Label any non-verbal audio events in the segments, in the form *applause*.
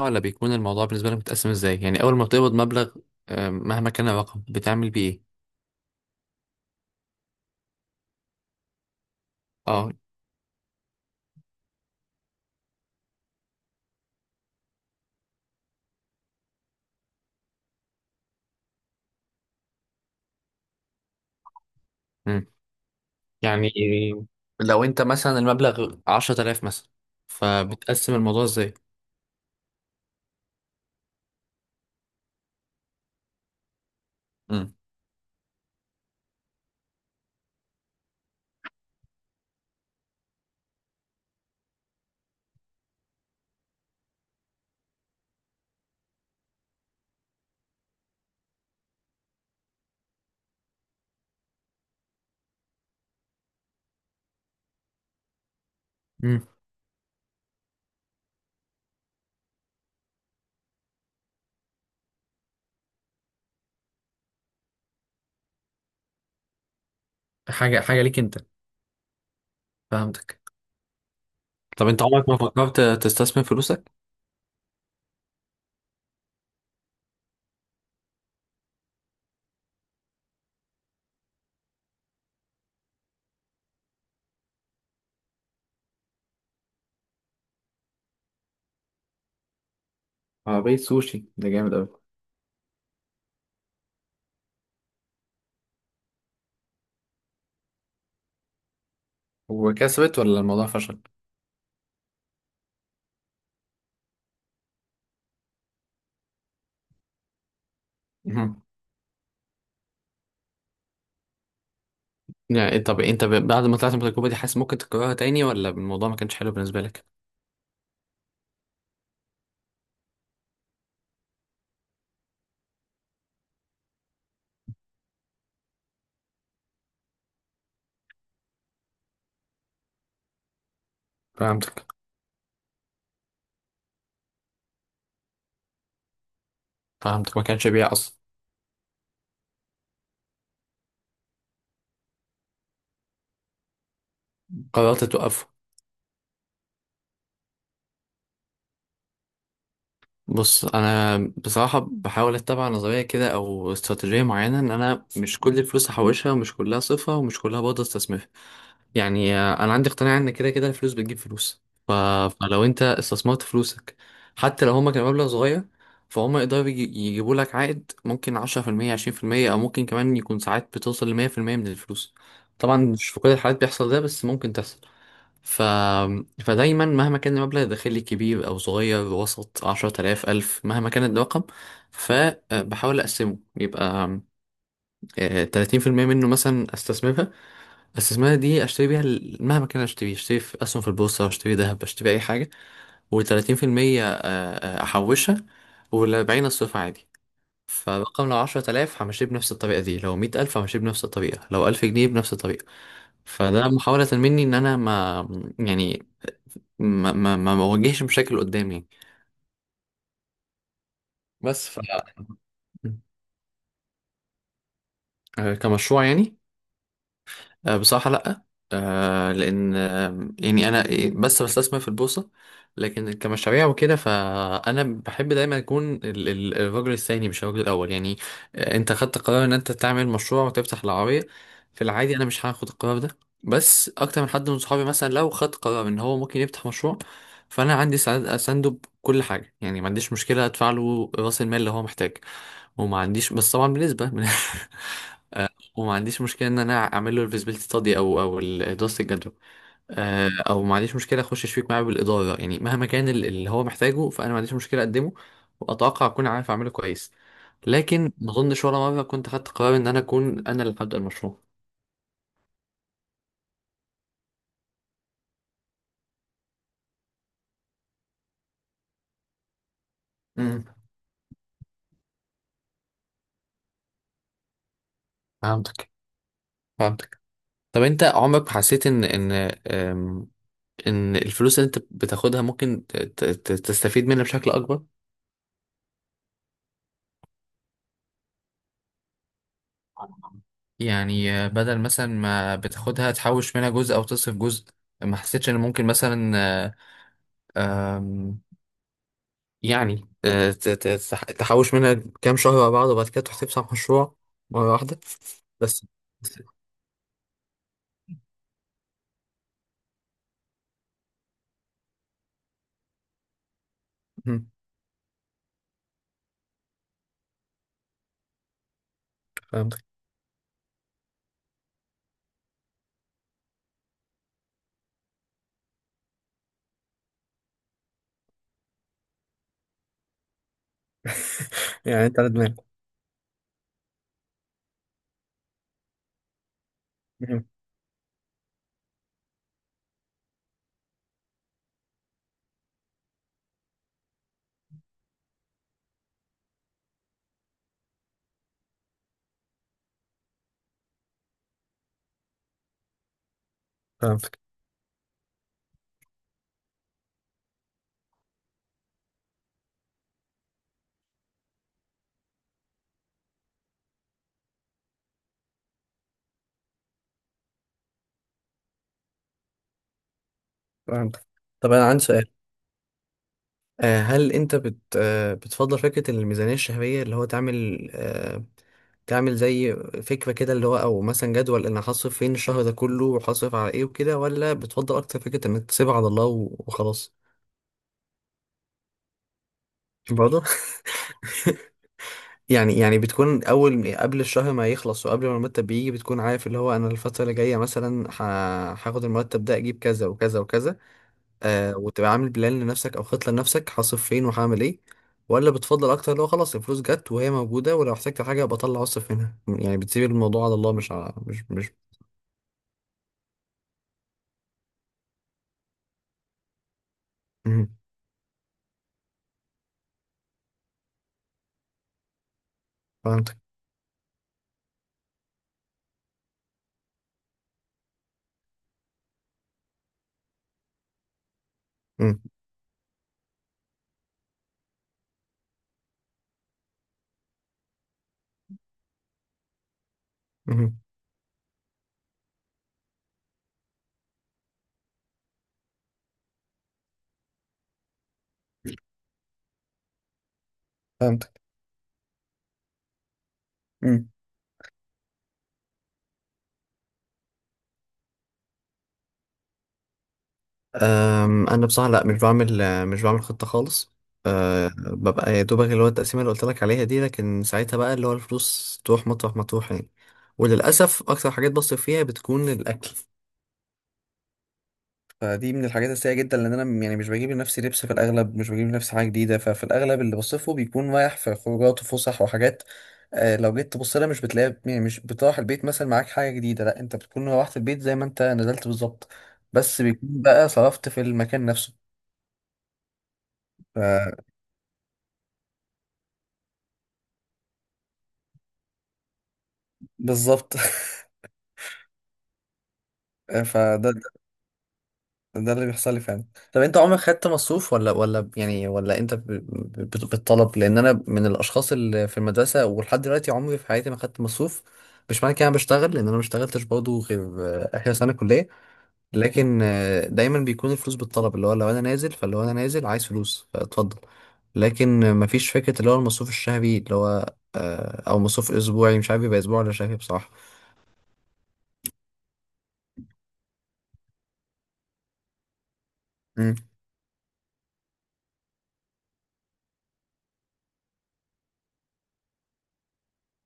ولا بيكون الموضوع بالنسبة لك متقسم ازاي؟ يعني أول ما بتقبض مبلغ مهما كان الرقم بتعمل بيه ايه؟ اه. مم. يعني لو انت مثلا المبلغ 10 آلاف مثلا، فبتقسم الموضوع ازاي؟ مم. مم. حاجة حاجة ليك انت. فهمتك. طب انت عمرك ما فكرت تستثمر فلوسك؟ عربية سوشي ده جامد أوي. وكسبت ولا الموضوع فشل؟ مم. يعني إيه، طب انت بعد ما طلعت من التجربة دي، حاسس ممكن تكررها تاني ولا الموضوع ما كانش حلو بالنسبة لك؟ فهمتك. فهمتك، ما كانش بيع اصلا. قررت توقف. بص انا بصراحه بحاول اتبع نظريه كده او استراتيجيه معينه، ان انا مش كل الفلوس هحوشها ومش كلها صفها ومش كلها برضه استثمرها. يعني انا عندي اقتناع ان كده كده الفلوس بتجيب فلوس. ف... فلو انت استثمرت فلوسك، حتى لو هما كانوا مبلغ صغير، فهم يقدروا يجيبوا لك عائد ممكن 10%، 20%، او ممكن كمان يكون ساعات بتوصل ل 100% من الفلوس. طبعا مش في كل الحالات بيحصل ده بس ممكن تحصل. ف... فدايما مهما كان المبلغ الداخلي كبير أو صغير، وسط 10 آلاف ألف، مهما كان الرقم، فبحاول أقسمه، يبقى 30% منه مثلا أستثمرها. أستثمرها دي أشتري بيها مهما كان، أشتري، أشتري في أسهم في البورصة، أشتري ذهب، أشتري أي حاجة. و30% أحوشها، والأربعين أصرفها عادي. فالرقم لو 10 آلاف همشيه بنفس الطريقة دي، لو 100 ألف همشيه بنفس الطريقة، لو 1000 جنيه بنفس الطريقة. فده محاولة مني إن أنا ما يعني ما بواجهش مشاكل قدامي. بس ف كمشروع يعني. بصراحة لأ. لأن يعني أنا بس بستثمر في البورصة. لكن كمشاريع وكده، فأنا بحب دايما أكون الرجل الثاني مش الرجل الأول. يعني أنت خدت قرار إن أنت تعمل مشروع وتفتح العربية. في العادي أنا مش هاخد القرار ده. بس أكتر من حد من صحابي مثلا لو خد قرار إن هو ممكن يفتح مشروع، فأنا عندي أسنده بكل حاجة. يعني ما عنديش مشكلة أدفع له رأس المال اللي هو محتاج، وما عنديش بس طبعا بنسبة *laughs* وما عنديش مشكله ان انا اعمل له الفيزبيليتي ستادي، او دراسه الجدوى. او ما عنديش مشكله اخش شريك معاه بالاداره. يعني مهما كان اللي هو محتاجه، فانا ما عنديش مشكله اقدمه، واتوقع اكون عارف اعمله كويس. لكن ما اظنش ولا مره كنت خدت قرار ان انا اكون انا اللي هبدا المشروع. امم. فهمتك. فهمتك. طب انت عمرك ما حسيت ان أم، ان الفلوس اللي انت بتاخدها ممكن تستفيد منها بشكل اكبر؟ يعني بدل مثلا ما بتاخدها تحوش منها جزء او تصرف جزء، ما حسيتش ان ممكن مثلا آم، يعني تحوش منها كام شهر على بعض وبعد كده تروح تفتح مشروع مرة واحدة؟ بس بس- مم، فهمتك. *laughs* يعني انت على دماغك. مم، فهمتك. فهمتك. طب انا عندي سؤال. هل انت بت آه، بتفضل فكرة الميزانية الشهرية، اللي هو تعمل تعمل زي فكرة كده، اللي هو او مثلا جدول انا هصرف فين الشهر ده كله وهصرف على ايه وكده؟ ولا بتفضل اكتر فكرة انك تسيبها على الله وخلاص؟ برضه. *laughs* يعني بتكون اول قبل الشهر ما يخلص وقبل ما المرتب بيجي، بتكون عارف اللي هو انا الفترة اللي جاية مثلا هاخد المرتب ده اجيب كذا وكذا وكذا. وتبقى عامل بلان لنفسك او خطه لنفسك، هصرف فين وهعمل ايه. ولا بتفضل اكتر لو خلاص الفلوس جت وهي موجوده، ولو احتجت حاجه ابقى اطلع اصرف منها؟ يعني بتسيب الموضوع على الله، مش على مش. مم. فهمتك. مم. مم. فهمتك. مم. انا بصراحه لا مش بعمل خطه خالص. أه، ببقى يا دوبك اللي هو التقسيمه اللي قلت لك عليها دي. لكن ساعتها بقى اللي هو الفلوس تروح مطرح ما تروح يعني. وللاسف اكتر حاجات بصرف فيها بتكون الاكل. فدي من الحاجات السيئة جدا، لأن أنا يعني مش بجيب لنفسي لبس في الأغلب، مش بجيب لنفسي حاجة جديدة، ففي الأغلب اللي بصرفه بيكون رايح في خروجات وفسح وحاجات. لو جيت تبص لها، مش بتلاقي، يعني مش بتروح البيت مثلا معاك حاجة جديدة، لأ، أنت بتكون روحت البيت زي ما أنت نزلت بالظبط. بس بيكون بقى صرفت في المكان نفسه. ف- بالظبط. *laughs* فده، ده اللي بيحصل لي فعلا. طب انت عمرك خدت مصروف ولا يعني، ولا انت بالطلب؟ لان انا من الاشخاص اللي في المدرسه ولحد دلوقتي عمري في حياتي ما خدت مصروف. مش معنى كده انا بشتغل، لان انا ما اشتغلتش برضه غير اخر سنه كليه. لكن دايما بيكون الفلوس بالطلب، اللي هو لو انا نازل فلو انا نازل عايز فلوس، فاتفضل. لكن مفيش فكره اللي هو المصروف الشهري اللي هو او مصروف اسبوعي. مش عارف يبقى اسبوعي ولا شهري بصراحه. امم.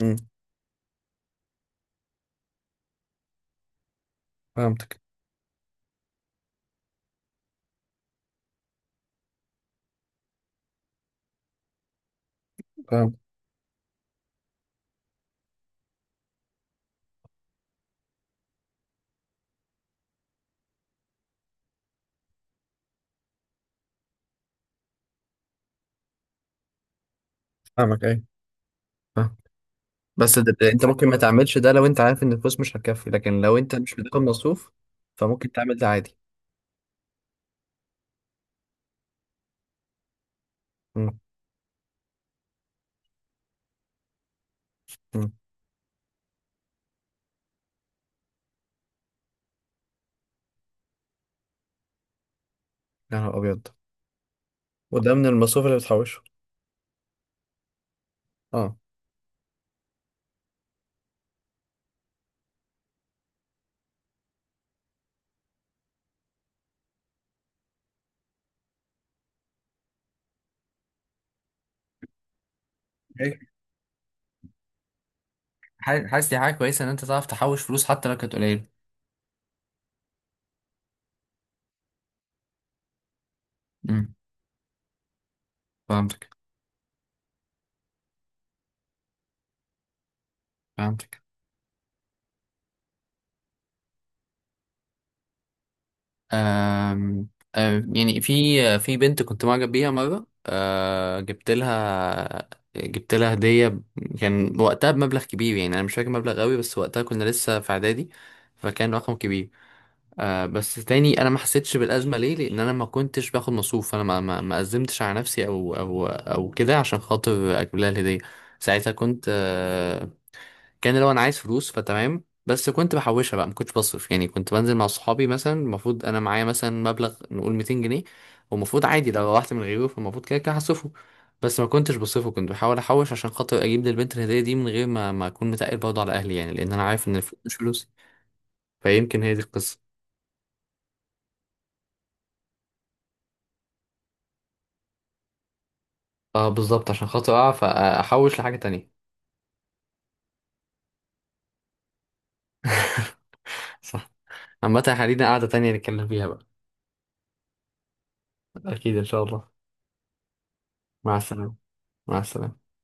امم. فهمتك. فهمت. فاهمك ايه. بس ده انت ممكن ما تعملش ده لو انت عارف ان الفلوس مش هتكفي. لكن لو انت مش بتاخد مصروف فممكن تعمل ده عادي. امم. امم. يا نهار ابيض. وده من المصروف اللي بتحوشه. اه. إيه؟ حاسس دي حاجة كويسة إن أنت تعرف تحوش فلوس حتى لو كانت قليلة. أمم، فهمتك. فهمتك. أم يعني في بنت كنت معجب بيها مرة، أه جبت لها جبت لها هدية. كان وقتها بمبلغ كبير. يعني أنا مش فاكر مبلغ قوي، بس وقتها كنا لسه في إعدادي. فكان رقم كبير. بس تاني انا ما حسيتش بالازمه ليه؟ لان انا ما كنتش باخد مصروف. انا ما قدمتش على نفسي او كده عشان خاطر اجيب لها الهديه. ساعتها كنت كان لو انا عايز فلوس فتمام. بس كنت بحوشها بقى، ما كنتش بصرف. يعني كنت بنزل مع صحابي مثلا، المفروض انا معايا مثلا مبلغ، نقول 200 جنيه. والمفروض عادي لو روحت من غيره فالمفروض كده كده هصرفه. بس ما كنتش بصرفه، كنت بحاول احوش عشان خاطر اجيب للبنت الهديه دي، من غير ما اكون متقل برضه على اهلي. يعني لان انا عارف ان الفلوس مش فلوس. فيمكن هي دي القصه. اه بالظبط، عشان خاطر اعرف احوش لحاجة تانية. صح. عامة خلينا قاعدة تانية نتكلم فيها بقى. اكيد ان شاء الله. مع السلامة. مع السلامة.